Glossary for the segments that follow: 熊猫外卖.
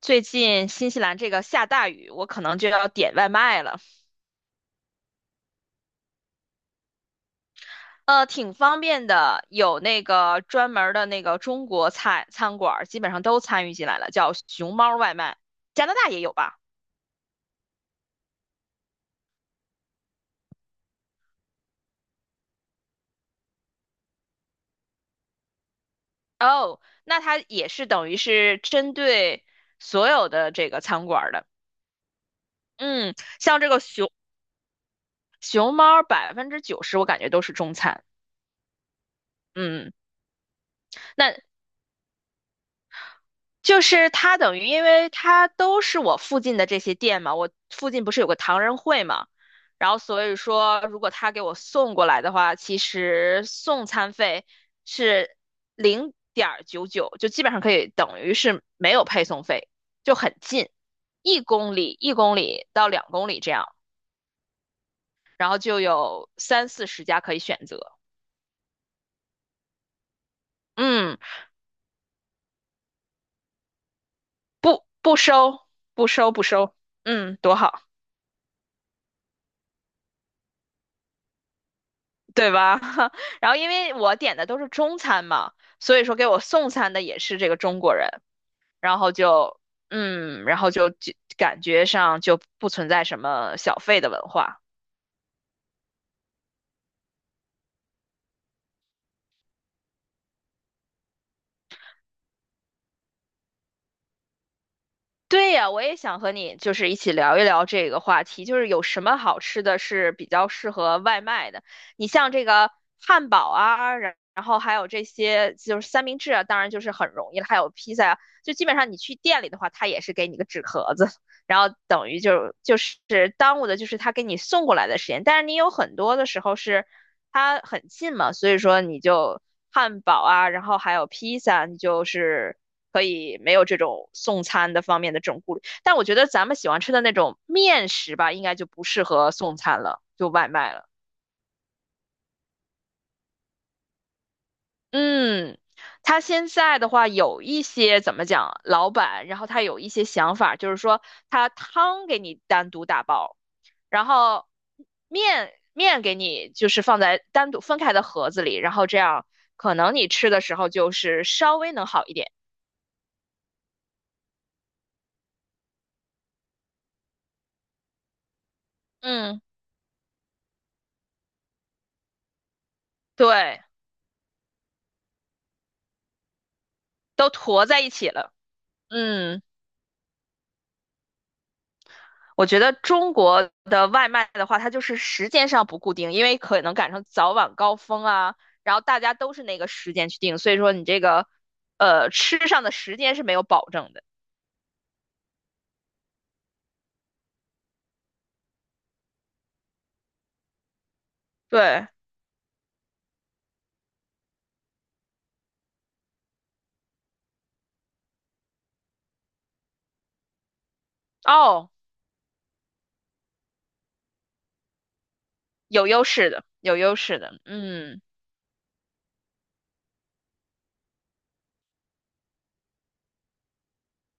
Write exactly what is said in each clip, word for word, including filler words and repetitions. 最近新西兰这个下大雨，我可能就要点外卖了。呃，挺方便的，有那个专门儿的那个中国菜餐馆儿，基本上都参与进来了，叫熊猫外卖。加拿大也有吧？哦，那它也是等于是针对所有的这个餐馆儿的。嗯，像这个熊熊猫百分之九十，我感觉都是中餐。嗯，那。就是他等于，因为他都是我附近的这些店嘛，我附近不是有个唐人会嘛，然后所以说，如果他给我送过来的话，其实送餐费是零点九九，就基本上可以等于是没有配送费，就很近，一公里一公里到两公里这样，然后就有三四十家可以选择，嗯，不不收不收不收，嗯，多好。对吧？然后因为我点的都是中餐嘛，所以说给我送餐的也是这个中国人，然后就嗯，然后就就感觉上就不存在什么小费的文化。对呀，我也想和你就是一起聊一聊这个话题，就是有什么好吃的是比较适合外卖的。你像这个汉堡啊，然然后还有这些就是三明治啊，当然就是很容易了，还有披萨啊，就基本上你去店里的话，它也是给你个纸盒子，然后等于就就是耽误的就是他给你送过来的时间。但是你有很多的时候是它很近嘛，所以说你就汉堡啊，然后还有披萨，你就是。可以没有这种送餐的方面的这种顾虑。但我觉得咱们喜欢吃的那种面食吧，应该就不适合送餐了，就外卖了。嗯，他现在的话有一些怎么讲，老板，然后他有一些想法，就是说他汤给你单独打包，然后面面给你就是放在单独分开的盒子里，然后这样可能你吃的时候就是稍微能好一点。嗯，对，都坨在一起了。嗯。我觉得中国的外卖的话，它就是时间上不固定，因为可能赶上早晚高峰啊，然后大家都是那个时间去订，所以说你这个呃吃上的时间是没有保证的。对，哦，有优势的，有优势的，嗯。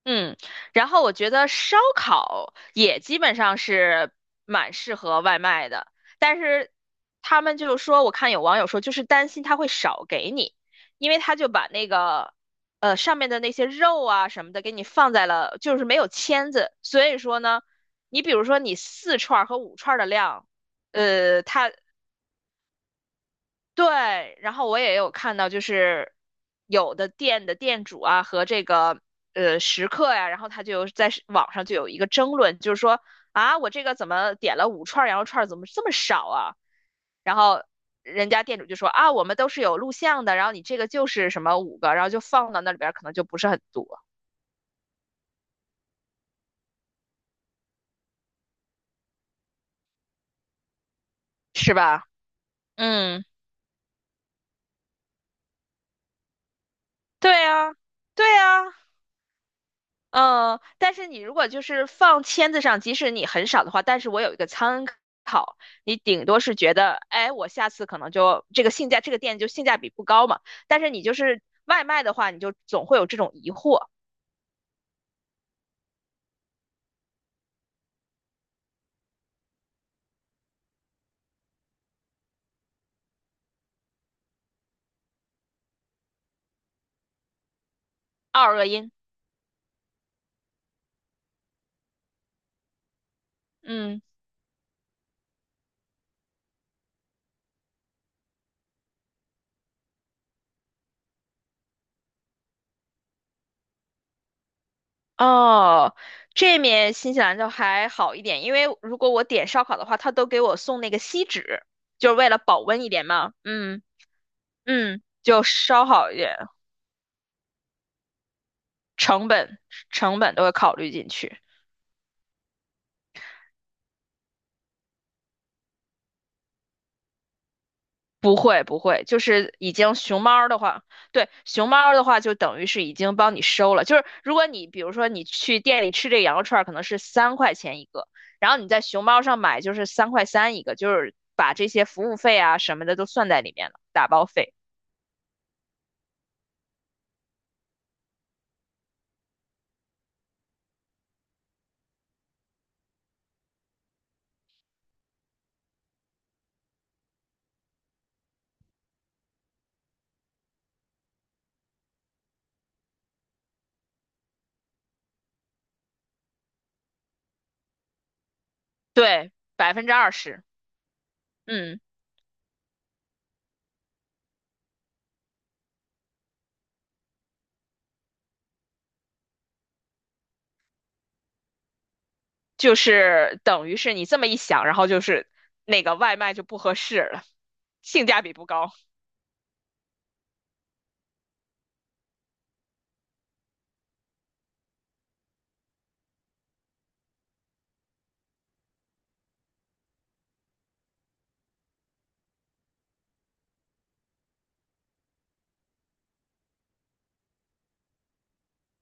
嗯，然后我觉得烧烤也基本上是蛮适合外卖的，但是他们就说，我看有网友说，就是担心他会少给你，因为他就把那个呃上面的那些肉啊什么的给你放在了，就是没有签子，所以说呢，你比如说你四串儿和五串儿的量，呃，他对，然后我也有看到，就是有的店的店主啊和这个呃食客呀、然后他就有在是网上就有一个争论，就是说啊，我这个怎么点了五串羊肉串，怎么这么少啊？然后人家店主就说啊，我们都是有录像的，然后你这个就是什么五个，然后就放到那里边，可能就不是很多，是吧？嗯，对啊，对啊。呃，但是你如果就是放签子上，即使你很少的话，但是我有一个参考，你顶多是觉得，哎，我下次可能就这个性价，这个店就性价比不高嘛。但是你就是外卖的话，你就总会有这种疑惑。二恶因，嗯，哦，这面新西兰就还好一点，因为如果我点烧烤的话，他都给我送那个锡纸，就是为了保温一点嘛。嗯嗯，就稍好一点，成本成本都会考虑进去。不会不会，就是已经熊猫儿的话，对，熊猫儿的话就等于是已经帮你收了。就是如果你比如说你去店里吃这个羊肉串儿可能是三块钱一个，然后你在熊猫上买就是三块三一个，就是把这些服务费啊什么的都算在里面了，打包费，对，百分之二十，嗯，就是等于是你这么一想，然后就是那个外卖就不合适了，性价比不高。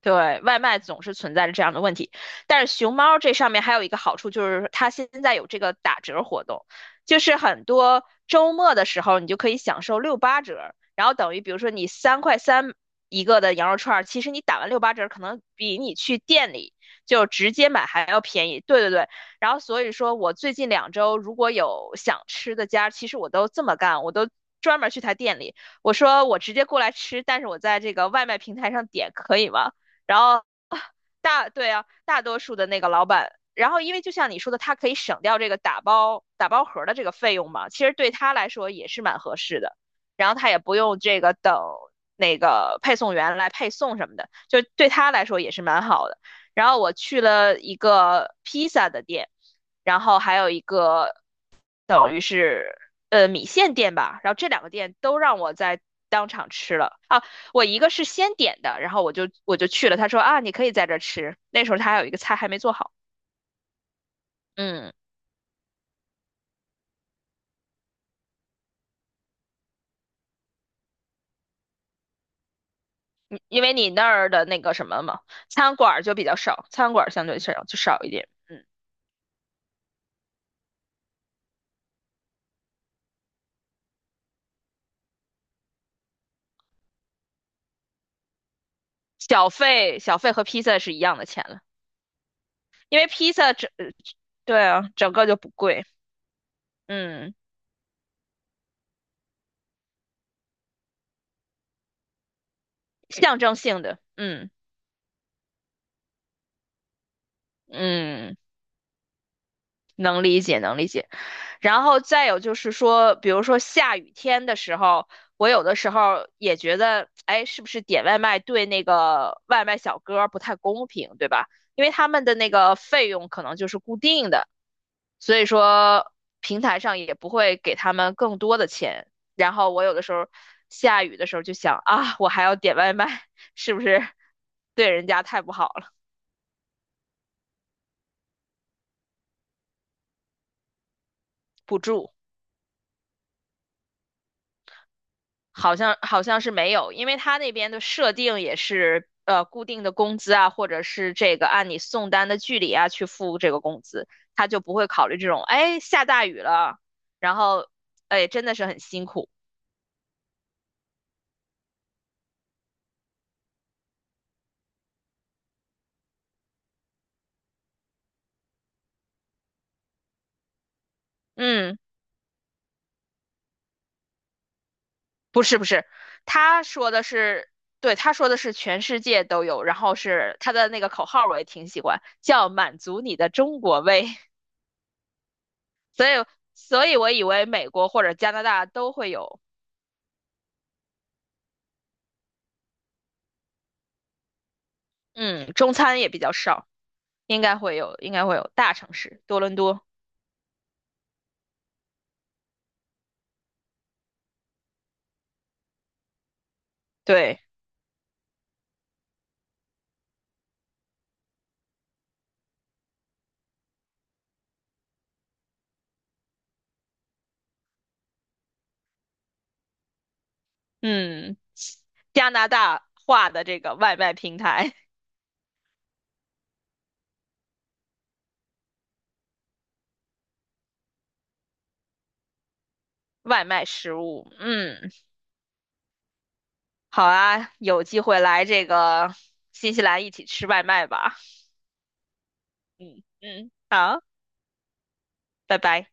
对，外卖总是存在着这样的问题，但是熊猫这上面还有一个好处，就是它现在有这个打折活动，就是很多周末的时候你就可以享受六八折，然后等于比如说你三块三一个的羊肉串儿，其实你打完六八折，可能比你去店里就直接买还要便宜。对对对，然后所以说我最近两周如果有想吃的家，其实我都这么干，我都。专门去他店里，我说我直接过来吃，但是我在这个外卖平台上点可以吗？然后大，对啊，大多数的那个老板，然后因为就像你说的，他可以省掉这个打包打包盒的这个费用嘛，其实对他来说也是蛮合适的。然后他也不用这个等那个配送员来配送什么的，就对他来说也是蛮好的。然后我去了一个披萨的店，然后还有一个等于是呃米线店吧，然后这两个店都让我在当场吃了啊。我一个是先点的，然后我就我就去了，他说啊你可以在这吃，那时候他还有一个菜还没做好，嗯，因为你那儿的那个什么嘛，餐馆儿就比较少，餐馆儿相对少就少一点，嗯，小费小费和披萨是一样的钱了，因为披萨整呃对啊整个就不贵，嗯，象征性的，嗯嗯，能理解能理解。然后再有就是说，比如说下雨天的时候，我有的时候也觉得，哎，是不是点外卖对那个外卖小哥儿不太公平，对吧？因为他们的那个费用可能就是固定的，所以说平台上也不会给他们更多的钱。然后我有的时候下雨的时候就想啊，我还要点外卖，是不是对人家太不好了，补助。好像好像是没有，因为他那边的设定也是呃固定的工资啊，或者是这个按你送单的距离啊去付这个工资，他就不会考虑这种，哎，下大雨了，然后哎真的是很辛苦。嗯，不是不是，他说的是，对，他说的是全世界都有，然后是他的那个口号我也挺喜欢，叫满足你的中国胃，所以所以我以为美国或者加拿大都会有，嗯，中餐也比较少。应该会有，应该会有大城市，多伦多。对，嗯，加拿大化的这个外卖平台，外卖食物。嗯，好啊，有机会来这个新西兰一起吃外卖吧。嗯嗯，好，拜拜。